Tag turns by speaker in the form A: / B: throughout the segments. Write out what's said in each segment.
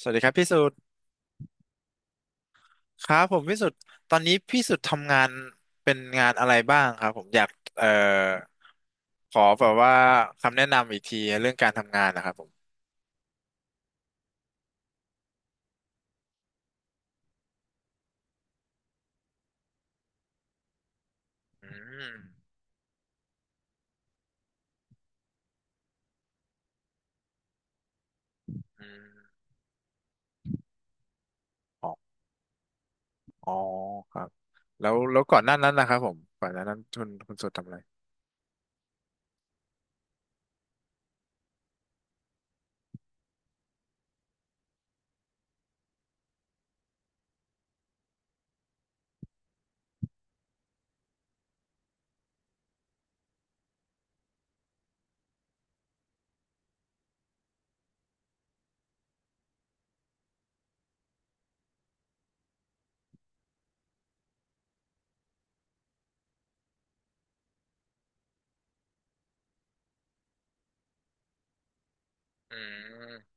A: สวัสดีครับพี่สุดครับผมพี่สุดตอนนี้พี่สุดทำงานเป็นงานอะไรบ้างครับผมอยากเอ่อขอแบบว่าคำแนะนำอีกทีเรื่องการทำงานนะครับผมอืมอืมอ๋ออ๋อครับแล้วก่อนหน้านั้นนะครับผมก่อนหน้านั้นคุณสุดทำอะไรอืม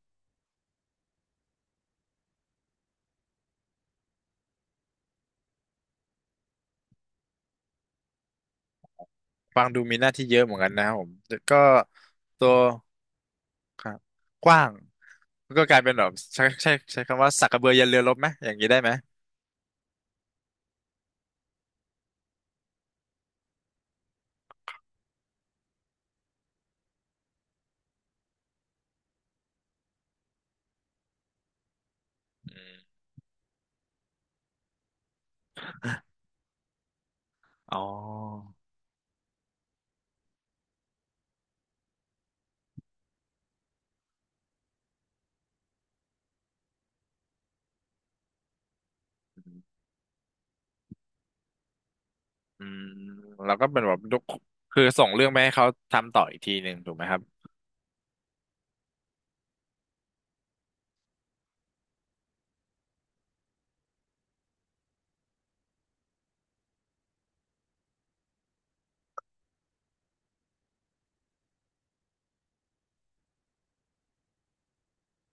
A: ฟังดูมีหน้าที่เยอะเหมือนกันนะครับผมแต่ก็ตัวครับกว้างก็กลายเป็นแบบใช้คำว่าสักกระเบือยันเรือรบไหมอย่างนี้ได้ไหมอืมอ๋อ อืมแล้วก็เป็นแบบยกคือส่งเรื่องไปให้เขาทำต่ออีกทีหนึ่งถูกไหมครับ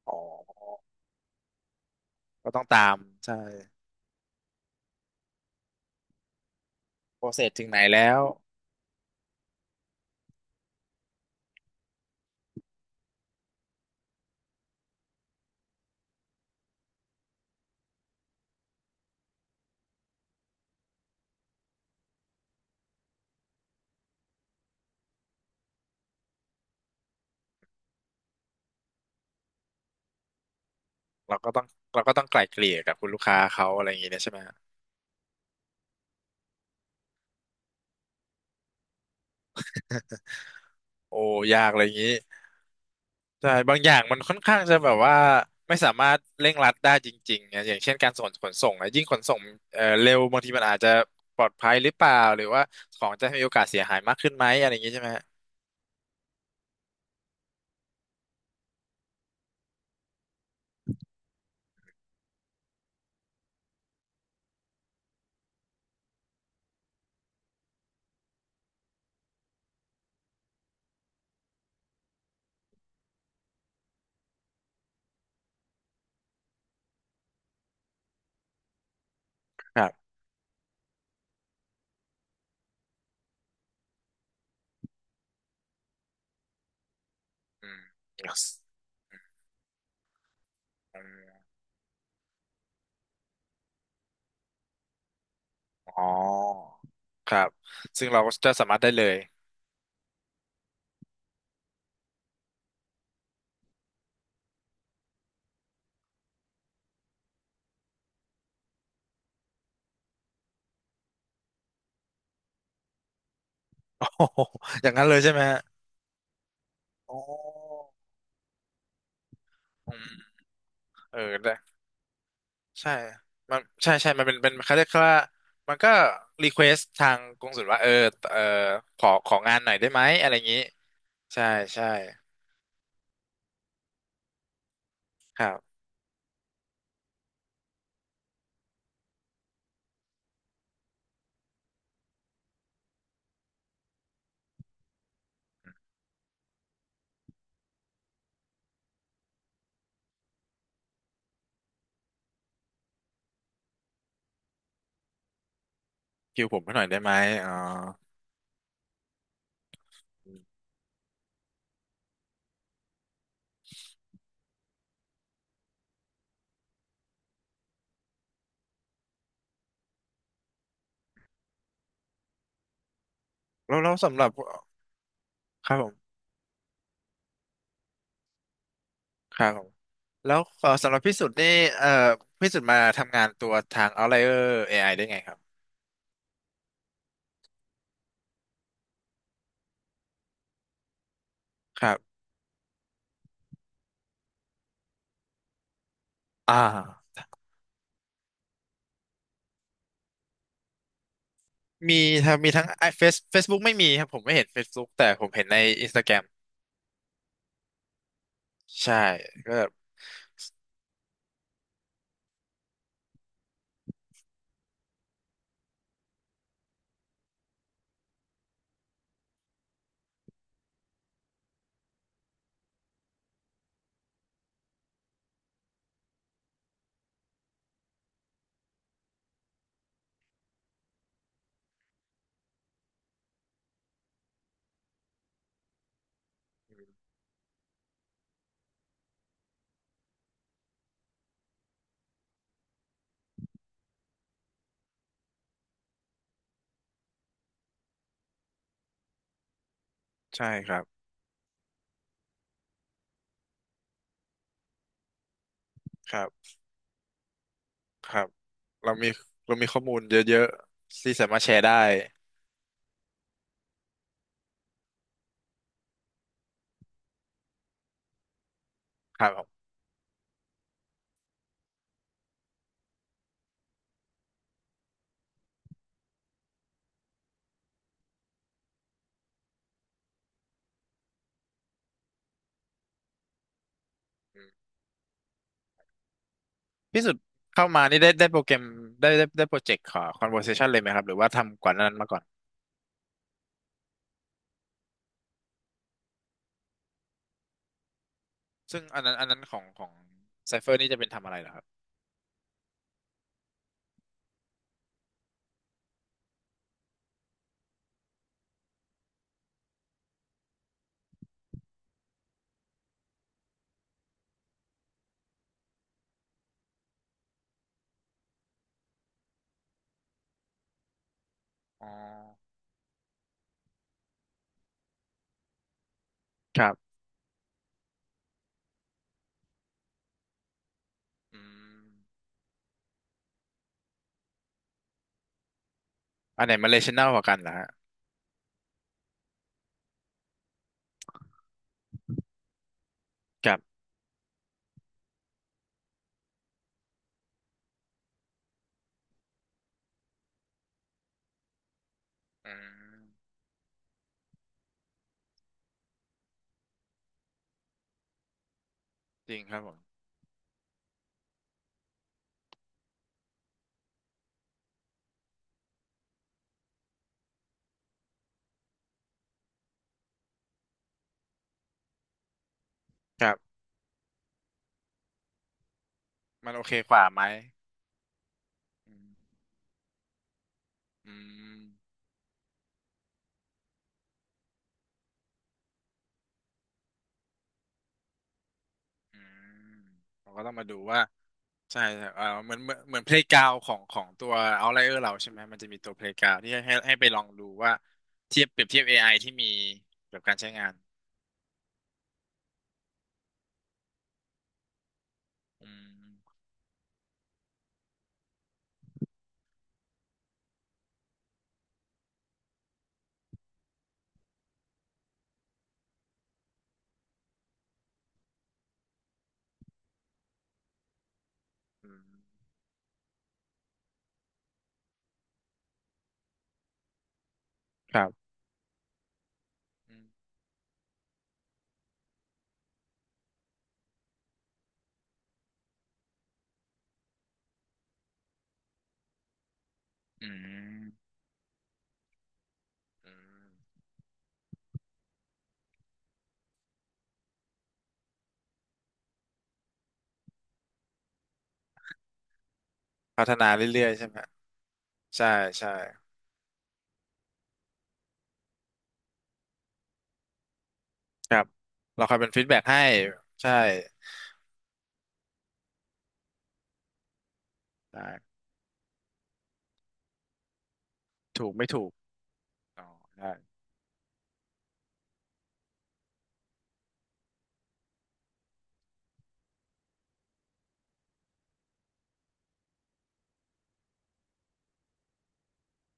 A: อ๋อก็ต้องตามใช่โปรเซสถึงไหนแล้วเราก็ต้องเราก็ต้องไกล่เกลี่ยกับคุณลูกค้าเขาอะไรอย่างงี้เนี่ยใช่ไหมฮะโอ้ยากอะไรอย่างงี้ใช่บางอย่างมันค่อนข้างจะแบบว่าไม่สามารถเร่งรัดได้จริงๆนะอย่างเช่นการส่งขนส่งนะยิ่งขนส่งเร็วบางทีมันอาจจะปลอดภัยหรือเปล่าหรือว่าของจะมีโอกาสเสียหายมากขึ้นไหมอะไรอย่างงี้ใช่ไหมฮะครับอืม yes อืม อ๋อครับซึ่งเราก็จะสามารถได้เลย โอ้โหอย่างนั้นเลยใช่ไหมฮะโอ้อืมเออได้ใช่มันใช่มันเป็นเขาเรียกว่ามันก็รีเควสทางกงสุลว่าเออเออขอของานหน่อยได้ไหมอะไรอย่างนี้ใช่ใช่ครับคิวผมให้หน่อยได้ไหมอ๋ออืมแล้วสำหรับครับผมครับผมแล้วสำหรับพี่สุดนี่เอ่อพี่สุดมาทำงานตัวทาง Outlier เอไอได้ไงครับครับอ่า มีทั้งไอเฟซเฟซบุ๊กไม่มีครับผมไม่เห็น Facebook แต่ผมเห็นในอินสตาแกรมใช่ก็ใช่ครับครับครับเรามีเรามีข้อมูลเยอะๆที่สามารถแชร์ได้ครับผมอืมพี่สุดเข้ามานี่ได้โปรแกรมได้โปรเจกต์ขอ conversation เลยไหมครับหรือว่าทำก่อนหนานั้นมาก่อนซึ่งอันนั้นของ Cypher นี่จะเป็นทำอะไรเหรอครับอ๋อครับอืมอันไหนมัน relational กว่ากันเหรอฮะครับอืมจริงครับผมครับมันโอเคกว่าไหมอืม อืมอืมเราก็ต้องมาดูว่าใช่ใช่เออเหมือนเพลย์กราวของตัวเอาไลเออร์เราใช่ไหมมันจะมีตัวเพลย์กราวที่ให้ไปลองดูว่าเทียบเปรียบเทียบ AI ที่มีกับการใช้งานอืมอืมครับอืมอืมอืมพัฒนาเรื่อยๆใช่ไหมใช่ใช่ครับเราคอยเป็นฟีดแบ็กให้ใช่ได้ถูกไม่ถูกอ๋อได้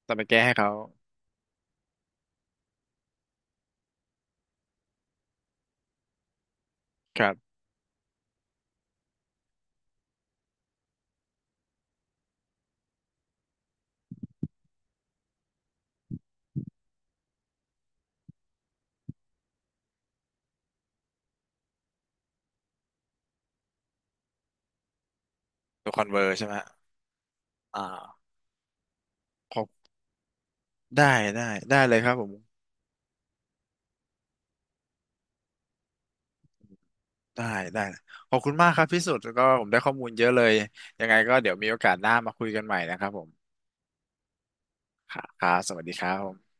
A: แต่ไปแก้ให้เขาครับตัวคอนเวอร์ใช่ไหมอ่า ได้ได้ได้เลยครับผมได้ได้ขอบคุณมากครับพี่สุดแล้วก็ผมได้ข้อมูลเยอะเลยยังไงก็เดี๋ยวมีโอกาสหน้ามาคุยกันใหม่นะครับผมค่ะครับสวัสดีครับผม